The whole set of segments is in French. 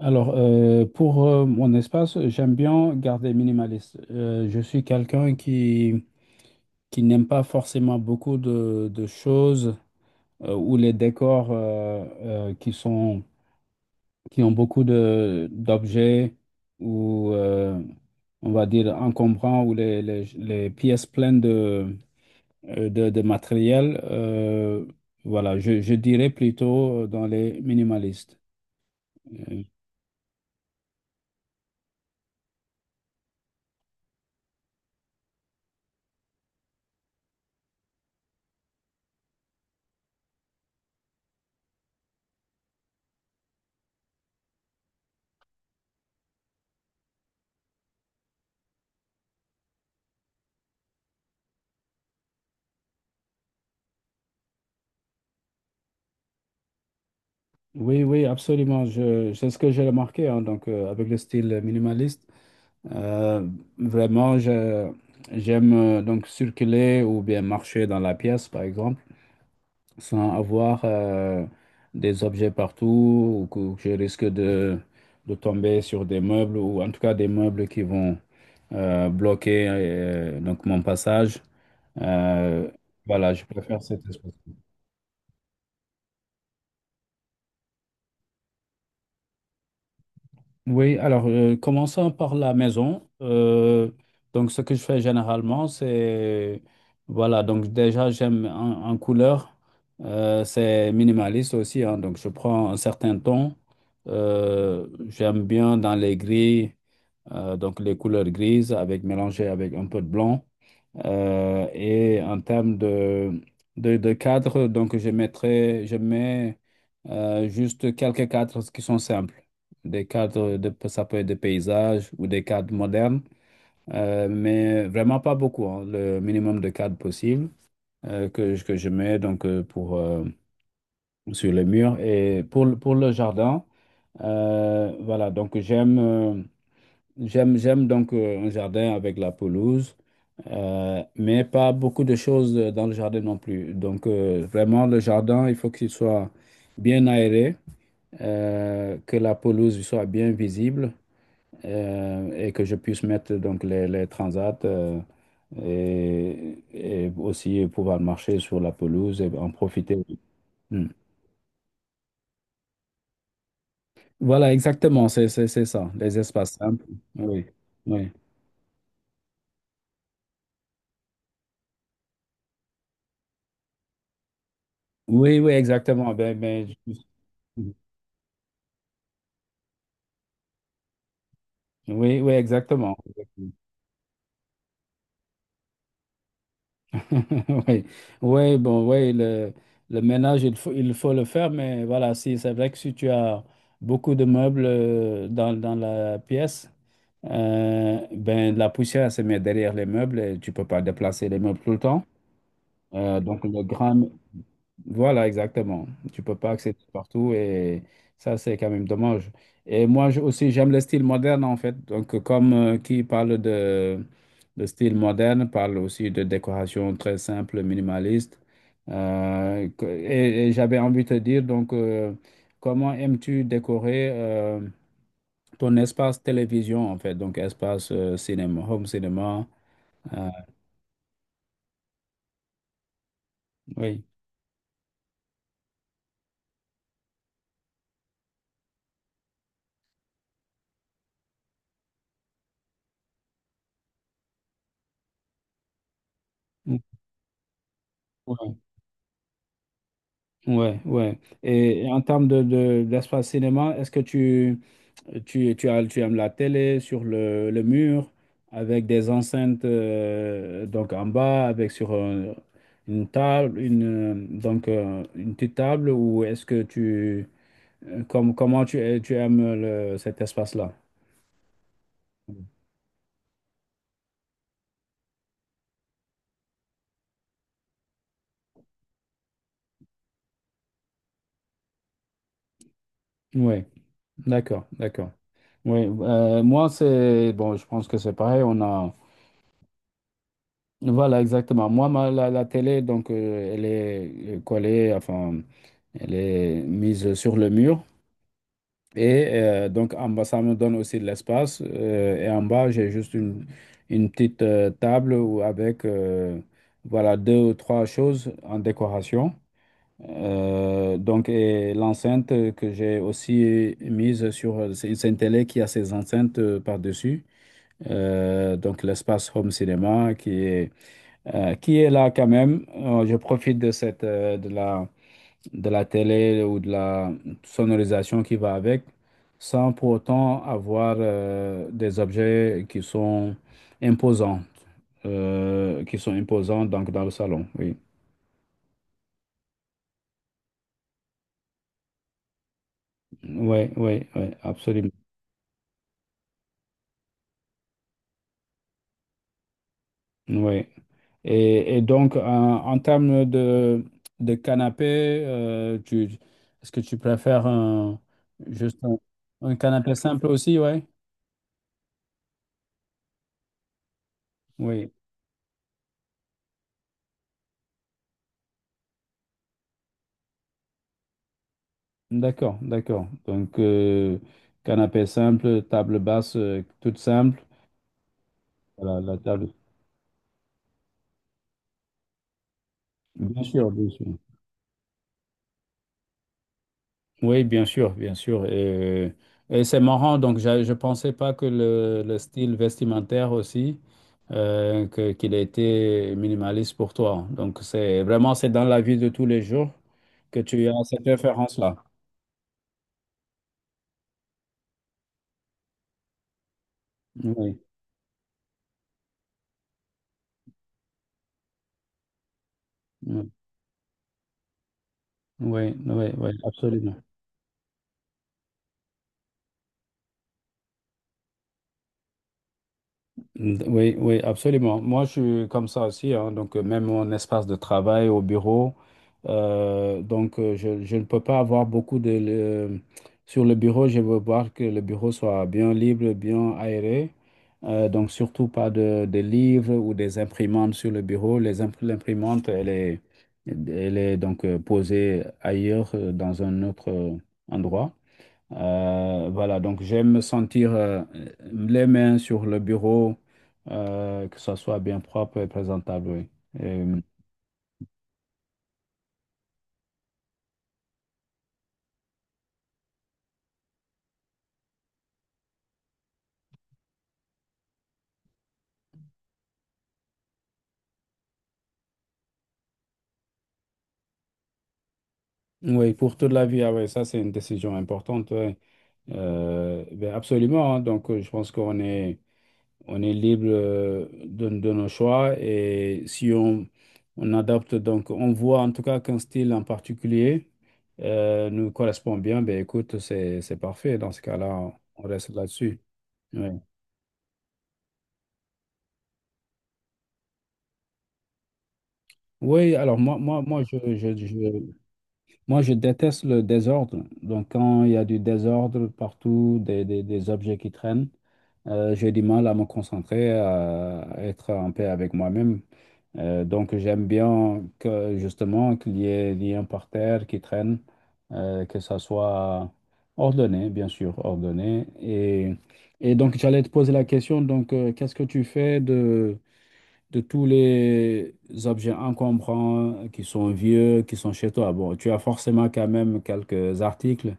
Pour mon espace, j'aime bien garder minimaliste. Je suis quelqu'un qui n'aime pas forcément beaucoup de choses ou les décors qui ont beaucoup d'objets ou, on va dire, encombrants ou les pièces pleines de matériel. Voilà, je dirais plutôt dans les minimalistes. Euh, Oui, oui, absolument. Je, c'est ce que j'ai remarqué, hein, avec le style minimaliste. Euh, Vraiment, j'aime donc circuler ou bien marcher dans la pièce, par exemple, sans avoir des objets partout ou que je risque de tomber sur des meubles ou en tout cas des meubles qui vont bloquer donc mon passage. Euh, voilà, je préfère cette espace. Oui, alors commençons par la maison. Donc ce que je fais généralement, c'est voilà, donc déjà j'aime en couleur, c'est minimaliste aussi, hein. Donc je prends un certain ton. J'aime bien dans les gris, donc les couleurs grises avec mélangées avec un peu de blanc. Et en termes de cadres, donc je mettrai, je mets juste quelques cadres qui sont simples. Des cadres de, ça peut être de paysages ou des cadres modernes, mais vraiment pas beaucoup, hein, le minimum de cadres possible que je mets donc pour sur les murs et pour, pour le jardin. Voilà, donc j'aime j'aime donc un jardin avec la pelouse. Mais pas beaucoup de choses dans le jardin non plus. Donc, vraiment, le jardin, il faut qu'il soit bien aéré, que la pelouse soit bien visible et que je puisse mettre donc les transats et aussi pouvoir marcher sur la pelouse et en profiter. Hmm. Voilà, exactement, c'est ça, les espaces simples. Oui, oui. Oui, oui, exactement. Oui, oui, exactement. Oui, oui, bon, oui, le ménage, il faut le faire, mais voilà, si, c'est vrai que si tu as beaucoup de meubles dans la pièce, ben, la poussière se met derrière les meubles et tu peux pas déplacer les meubles tout le temps. Euh, donc, le grand, voilà, exactement. Tu peux pas accéder partout et ça, c'est quand même dommage. Et aussi, j'aime le style moderne en fait. Donc, comme qui parle de style moderne, parle aussi de décoration très simple, minimaliste. Et j'avais envie de te dire, donc, comment aimes-tu décorer ton espace télévision en fait? Donc, espace cinéma, home cinéma. euh, oui. Ouais. Ouais, ouais. Et en termes d'espace cinéma, est-ce que tu aimes la télé sur le mur avec des enceintes donc en bas, avec sur une table, une petite table, ou est-ce que comment tu, tu aimes le, cet espace-là? Oui, d'accord, d'accord. Oui, moi c'est, bon, je pense que c'est pareil, on a. Voilà, exactement. Moi, la télé, donc, elle est collée, enfin, elle est mise sur le mur. Et donc, en bas, ça me donne aussi de l'espace. Et en bas, j'ai juste une petite table avec, voilà, deux ou trois choses en décoration. Donc, et l'enceinte que j'ai aussi mise sur, c'est une télé qui a ses enceintes par-dessus. Donc, l'espace home cinéma qui est là quand même. Je profite de cette, de la télé ou de la sonorisation qui va avec, sans pour autant avoir des objets qui sont imposants, donc dans le salon. Oui, oui, oui, oui, absolument. Oui. Et donc, en termes de canapé, est-ce que tu préfères juste un, un canapé simple aussi, ouais? Oui. D'accord, d'accord. Donc, canapé simple, table basse, toute simple. Voilà, la table. Bien sûr, bien sûr. Oui, bien sûr, bien sûr. Euh, et c'est marrant, donc je ne pensais pas que le style vestimentaire aussi, qu'il était minimaliste pour toi. Donc, c'est vraiment, c'est dans la vie de tous les jours que tu as cette référence-là. Oui, oui, oui, oui, oui, absolument. Oui, oui, absolument. Moi, je suis comme ça aussi, hein. Donc même mon espace de travail au bureau, je ne peux pas avoir beaucoup de... Sur le bureau, je veux voir que le bureau soit bien libre, bien aéré. Donc surtout pas de livres ou des imprimantes sur le bureau. L'imprimante, elle est donc posée ailleurs, dans un autre endroit. Voilà, donc j'aime me sentir les mains sur le bureau, que ça soit bien propre et présentable, oui. Et, oui, pour toute la vie, ah ouais, ça c'est une décision importante. Ouais. Ben absolument, hein. Donc je pense qu'on est, on est libre de nos choix et si on adopte, donc on voit en tout cas qu'un style en particulier nous correspond bien, ben écoute, c'est parfait. Dans ce cas-là, on reste là-dessus. Ouais. Oui, alors moi, je- moi, je déteste le désordre. Donc, quand il y a du désordre partout, des objets qui traînent, j'ai du mal à me concentrer, à être en paix avec moi-même. Donc, j'aime bien que, justement, qu'il y ait des liens par terre qui traînent, que ça soit ordonné, bien sûr, ordonné. Et donc, j'allais te poser la question, donc, qu'est-ce que tu fais de tous les objets encombrants qui sont vieux, qui sont chez toi. Bon, tu as forcément quand même quelques articles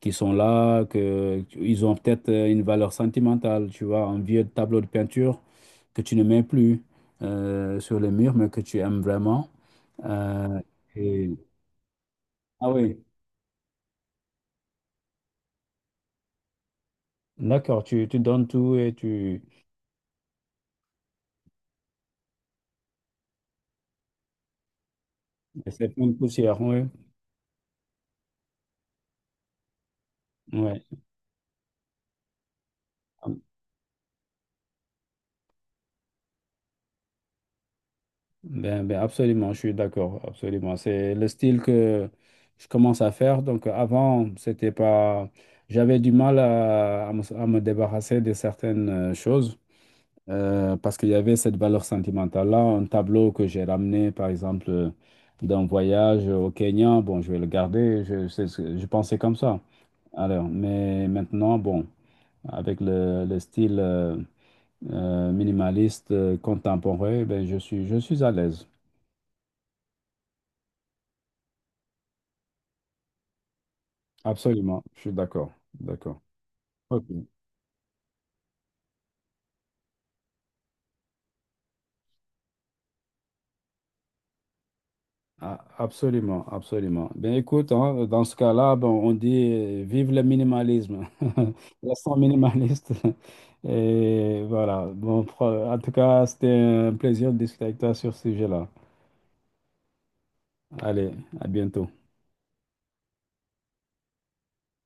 qui sont là, ils ont peut-être une valeur sentimentale. Tu vois, un vieux tableau de peinture que tu ne mets plus sur les murs, mais que tu aimes vraiment. Euh, et- Ah oui, d'accord, tu donnes tout et tu... Et c'est plein de poussière, oui. Ouais. Ben, ben absolument, je suis d'accord, absolument. C'est le style que je commence à faire. Donc avant, c'était pas, j'avais du mal à me débarrasser de certaines choses parce qu'il y avait cette valeur sentimentale-là. Un tableau que j'ai ramené, par exemple, d'un voyage au Kenya, bon, je vais le garder. Je, c'est ce que- Je pensais comme ça. Alors, mais maintenant, bon, avec le style minimaliste contemporain, ben, je suis à l'aise. Absolument, je suis d'accord, d'accord. Ok. Ah, absolument, absolument. Ben écoute, hein, dans ce cas-là, ben, on dit vive le minimalisme. Restons minimaliste. Et voilà. Bon, en tout cas, c'était un plaisir de discuter avec toi sur ce sujet-là. Allez, à bientôt.